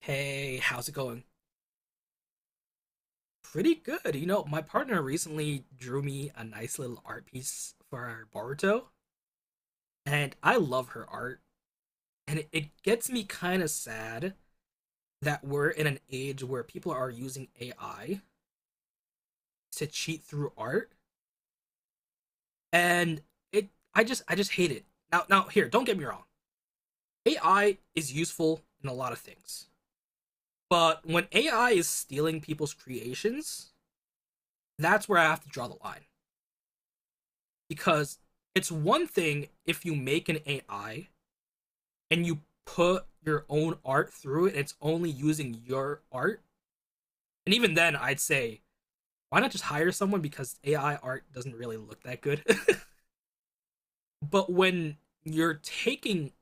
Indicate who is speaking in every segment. Speaker 1: Hey, how's it going? Pretty good. You know, my partner recently drew me a nice little art piece for Boruto, and I love her art. And it gets me kind of sad that we're in an age where people are using AI to cheat through art, and it I just hate it. Now here, don't get me wrong. AI is useful in a lot of things. But when AI is stealing people's creations, that's where I have to draw the line. Because it's one thing if you make an AI and you put your own art through it and it's only using your art. And even then, I'd say, why not just hire someone because AI art doesn't really look that good. But when you're taking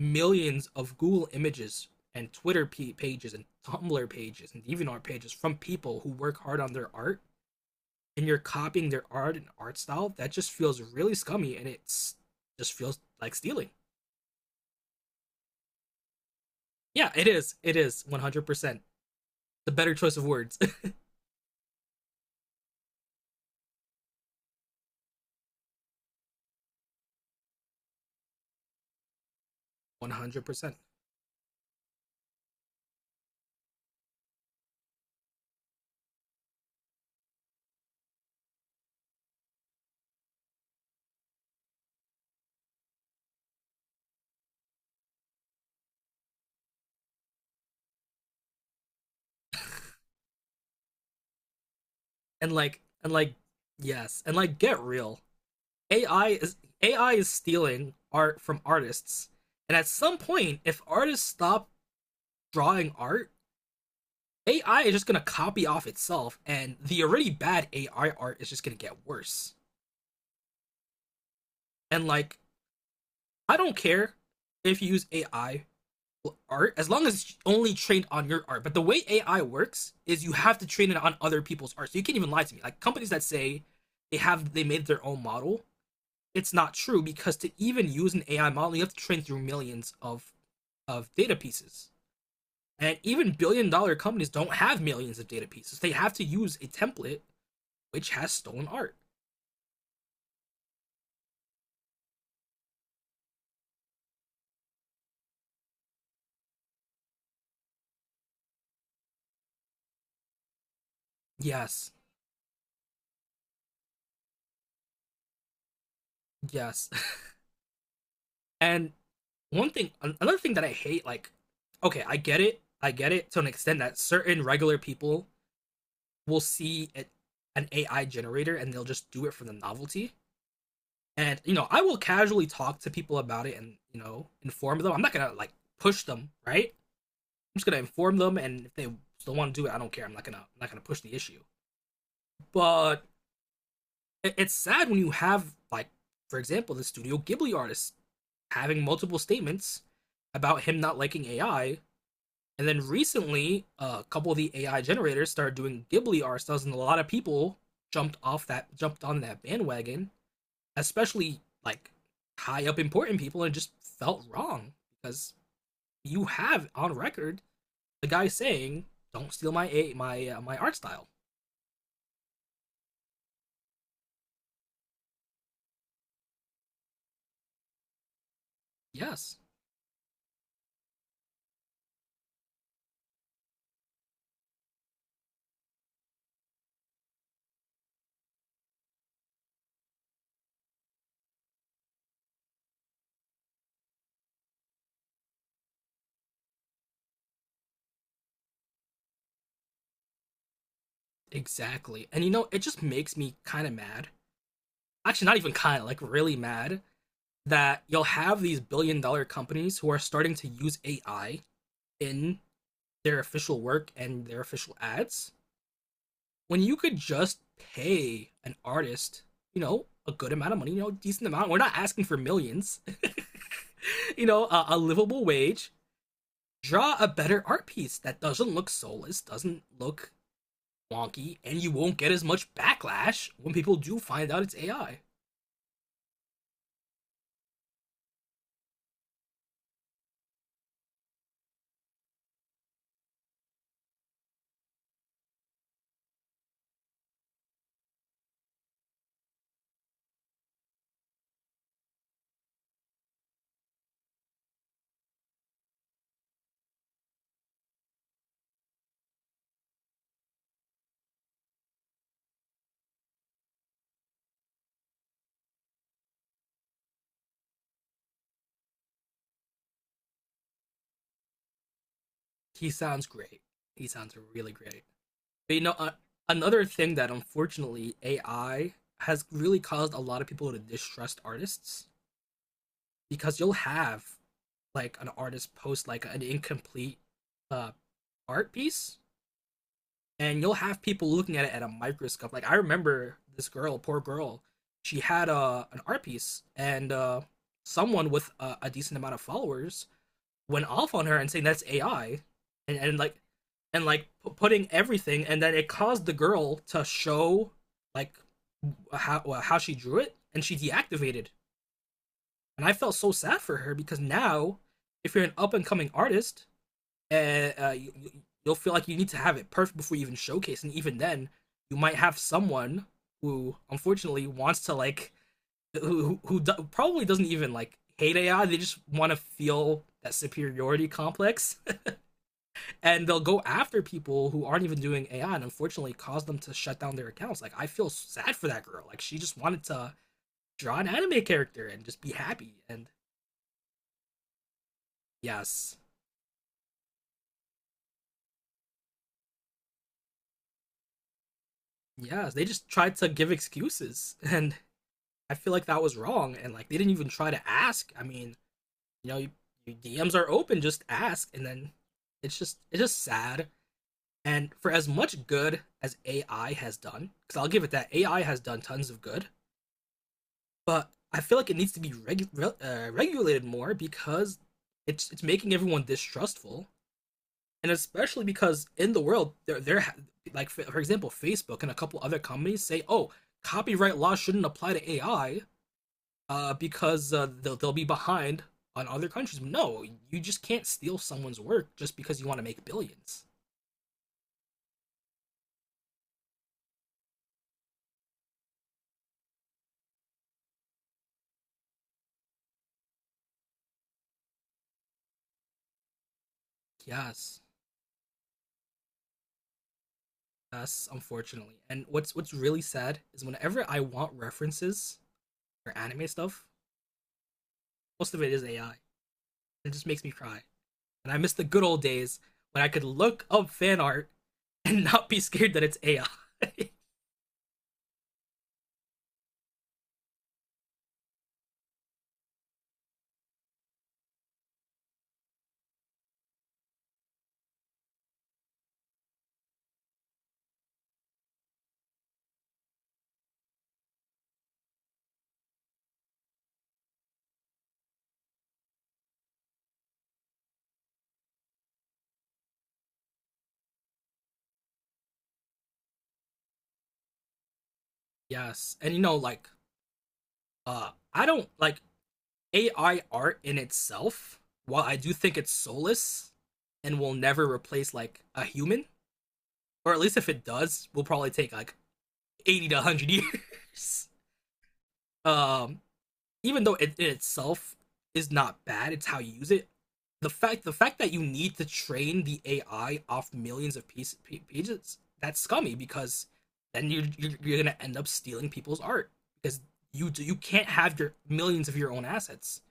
Speaker 1: millions of Google images and Twitter pages and Tumblr pages and DeviantArt pages from people who work hard on their art and you're copying their art and art style, that just feels really scummy and it's just feels like stealing. Yeah, it is. It is 100%. The better choice of words. 100%. And like yes, and like get real. AI is AI is stealing art from artists. And at some point, if artists stop drawing art, AI is just going to copy off itself and the already bad AI art is just going to get worse. And like I don't care if you use AI art as long as it's only trained on your art. But the way AI works is you have to train it on other people's art. So you can't even lie to me. Like companies that say they made their own model, it's not true because to even use an AI model, you have to train through millions of data pieces. And even billion dollar companies don't have millions of data pieces. They have to use a template which has stolen art. Yes. Yes. And one thing another thing that I hate like okay, I get it. I get it to an extent that certain regular people will see it, an AI generator and they'll just do it for the novelty. And you know, I will casually talk to people about it and you know inform them. I'm not gonna like push them, right? I'm just gonna inform them, and if they still want to do it, I don't care. I'm not gonna push the issue. But it's sad when you have like, for example, the Studio Ghibli artist having multiple statements about him not liking AI. And then recently, a couple of the AI generators started doing Ghibli art styles, and a lot of people jumped on that bandwagon, especially like high up important people, and just felt wrong because you have on record the guy saying, "Don't steal my a my my art style." Yes, exactly. And you know, it just makes me kind of mad. Actually, not even kind of, like, really mad that you'll have these billion dollar companies who are starting to use AI in their official work and their official ads when you could just pay an artist, you know, a good amount of money, you know, decent amount. We're not asking for millions. A livable wage. Draw a better art piece that doesn't look soulless, doesn't look wonky, and you won't get as much backlash when people do find out it's AI. He sounds great. He sounds really great. But you know, another thing that unfortunately AI has really caused a lot of people to distrust artists because you'll have like an artist post like an incomplete uh art piece and you'll have people looking at it at a microscope like I remember this girl, poor girl. She had an art piece, and someone with a decent amount of followers went off on her and saying that's AI, and, and like and like putting everything, and then it caused the girl to show like how she drew it and she deactivated. And I felt so sad for her because now, if you're an up and coming artist, uh, uh, you, you'll feel like you need to have it perfect before you even showcase, and even then, you might have someone who unfortunately wants to like who probably doesn't even like hate AI. They just want to feel that superiority complex, and they'll go after people who aren't even doing AI, and unfortunately, cause them to shut down their accounts. Like I feel sad for that girl. Like she just wanted to draw an anime character and just be happy. And yes, yeah, they just tried to give excuses, and I feel like that was wrong. And like they didn't even try to ask. I mean, you know, you, your DMs are open, just ask, and then it's just sad. And for as much good as AI has done, because I'll give it that AI has done tons of good, but I feel like it needs to be regulated more because it's making everyone distrustful and especially because in the world there like for example Facebook and a couple other companies say, oh, copyright law shouldn't apply to AI, because they'll be behind on other countries. No, you just can't steal someone's work just because you want to make billions. Yes. Us, unfortunately. And what's really sad is whenever I want references or anime stuff, most of it is AI. It just makes me cry. And I miss the good old days when I could look up fan art and not be scared that it's AI. Yes. And you know, like, I don't like AI art in itself, while I do think it's soulless and will never replace like a human, or at least if it does, we will probably take like 80 to 100 years. Um Even though it in itself is not bad, it's how you use it. The fact that you need to train the AI off millions of pages, that's scummy because then you're gonna end up stealing people's art because you can't have your millions of your own assets,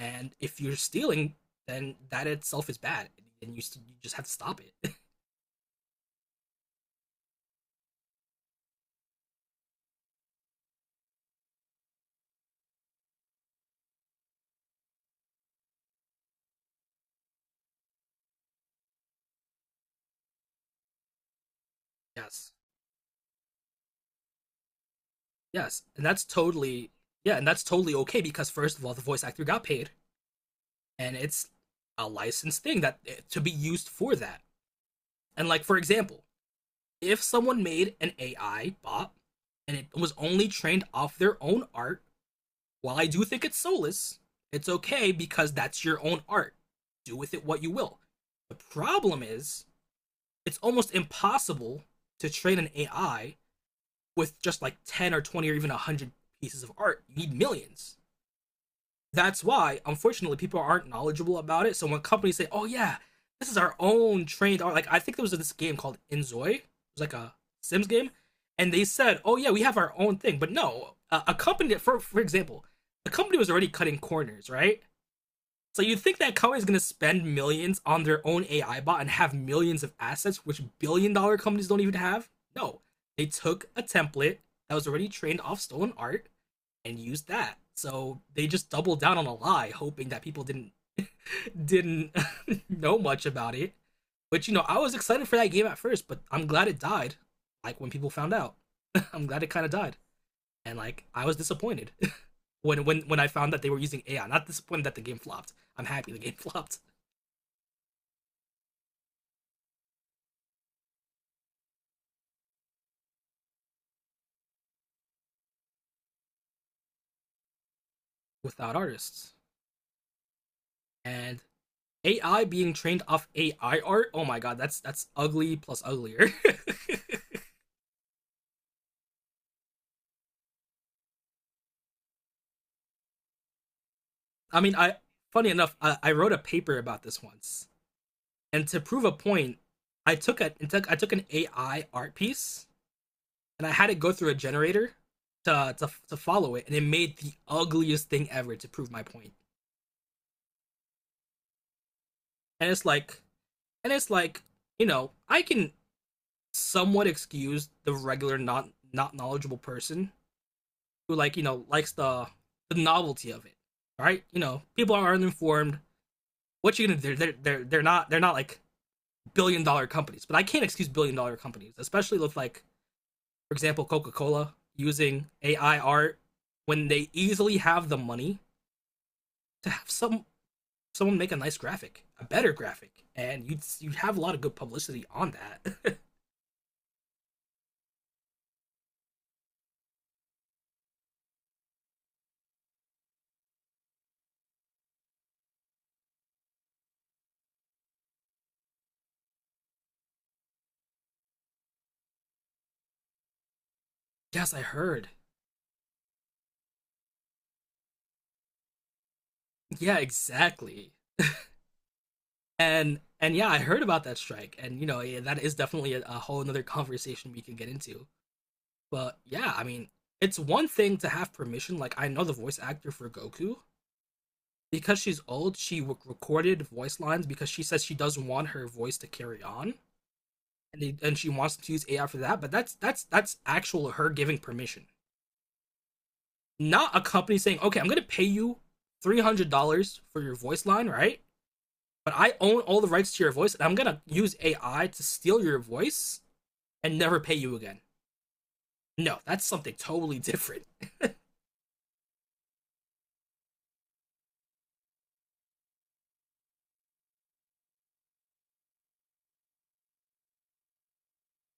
Speaker 1: and if you're stealing then that itself is bad, and you just have to stop it. Yes. Yes. And that's totally okay because first of all the voice actor got paid, and it's a licensed thing that to be used for that. And like for example, if someone made an AI bot and it was only trained off their own art, while I do think it's soulless, it's okay because that's your own art. Do with it what you will. The problem is it's almost impossible to train an AI with just like 10 or 20 or even 100 pieces of art. You need millions. That's why, unfortunately, people aren't knowledgeable about it. So when companies say, "Oh yeah, this is our own trained art," like I think there was this game called Inzoi, it was like a Sims game, and they said, "Oh yeah, we have our own thing," but no, a company, for example, a company was already cutting corners, right? So you think that company is gonna spend millions on their own AI bot and have millions of assets, which billion dollar companies don't even have? No, they took a template that was already trained off stolen art and used that. So they just doubled down on a lie, hoping that people didn't know much about it. But you know, I was excited for that game at first, but I'm glad it died. Like when people found out, I'm glad it kind of died, and like I was disappointed when I found that they were using AI. Not disappointed that the game flopped. I'm happy the game flopped without artists and AI being trained off AI art. Oh my god, that's ugly plus uglier. I mean, I funny enough, I wrote a paper about this once, and to prove a point, I took an AI art piece and I had it go through a generator to follow it, and it made the ugliest thing ever to prove my point. And it's like and it's like you know I can somewhat excuse the regular not knowledgeable person who like you know likes the novelty of it, right? You know people are uninformed. What you gonna do? They're not like billion dollar companies, but I can't excuse billion dollar companies, especially with like for example, Coca Cola using AI art when they easily have the money to have someone make a nice graphic, a better graphic, and you have a lot of good publicity on that. Yes, I heard. Yeah, exactly. And yeah, I heard about that strike, and you know yeah, that is definitely a whole another conversation we can get into. But yeah, I mean, it's one thing to have permission. Like I know the voice actor for Goku because she's old, she recorded voice lines because she says she doesn't want her voice to carry on, and she wants to use AI for that. But that's actual her giving permission, not a company saying, "Okay, I'm gonna pay you $300 for your voice line, right? But I own all the rights to your voice, and I'm gonna use AI to steal your voice and never pay you again." No, that's something totally different.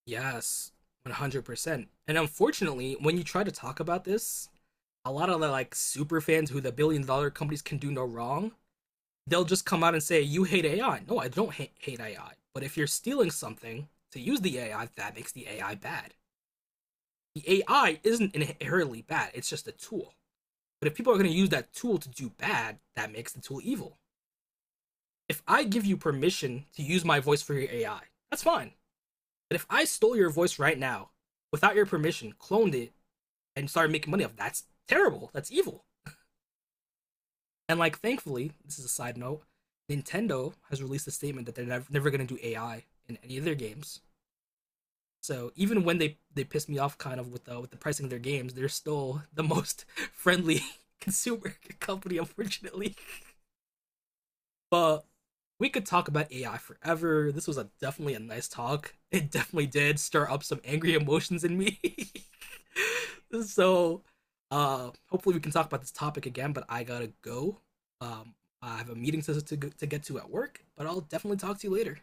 Speaker 1: Yes, 100%. And unfortunately, when you try to talk about this a lot of the like super fans who the billion dollar companies can do no wrong, they'll just come out and say, you hate AI. No, I don't hate AI. But if you're stealing something to use the AI, that makes the AI bad. The AI isn't inherently bad, it's just a tool. But if people are going to use that tool to do bad, that makes the tool evil. If I give you permission to use my voice for your AI, that's fine. But if I stole your voice right now without your permission, cloned it, and started making money off, that's terrible. That's evil. And like, thankfully, this is a side note. Nintendo has released a statement that they're never, never going to do AI in any of their games. So even when they piss me off kind of with the pricing of their games, they're still the most friendly consumer company, unfortunately. But we could talk about AI forever. This was a definitely a nice talk. It definitely did stir up some angry emotions in me. So hopefully we can talk about this topic again, but I gotta go. Um I have a meeting to get to at work, but I'll definitely talk to you later.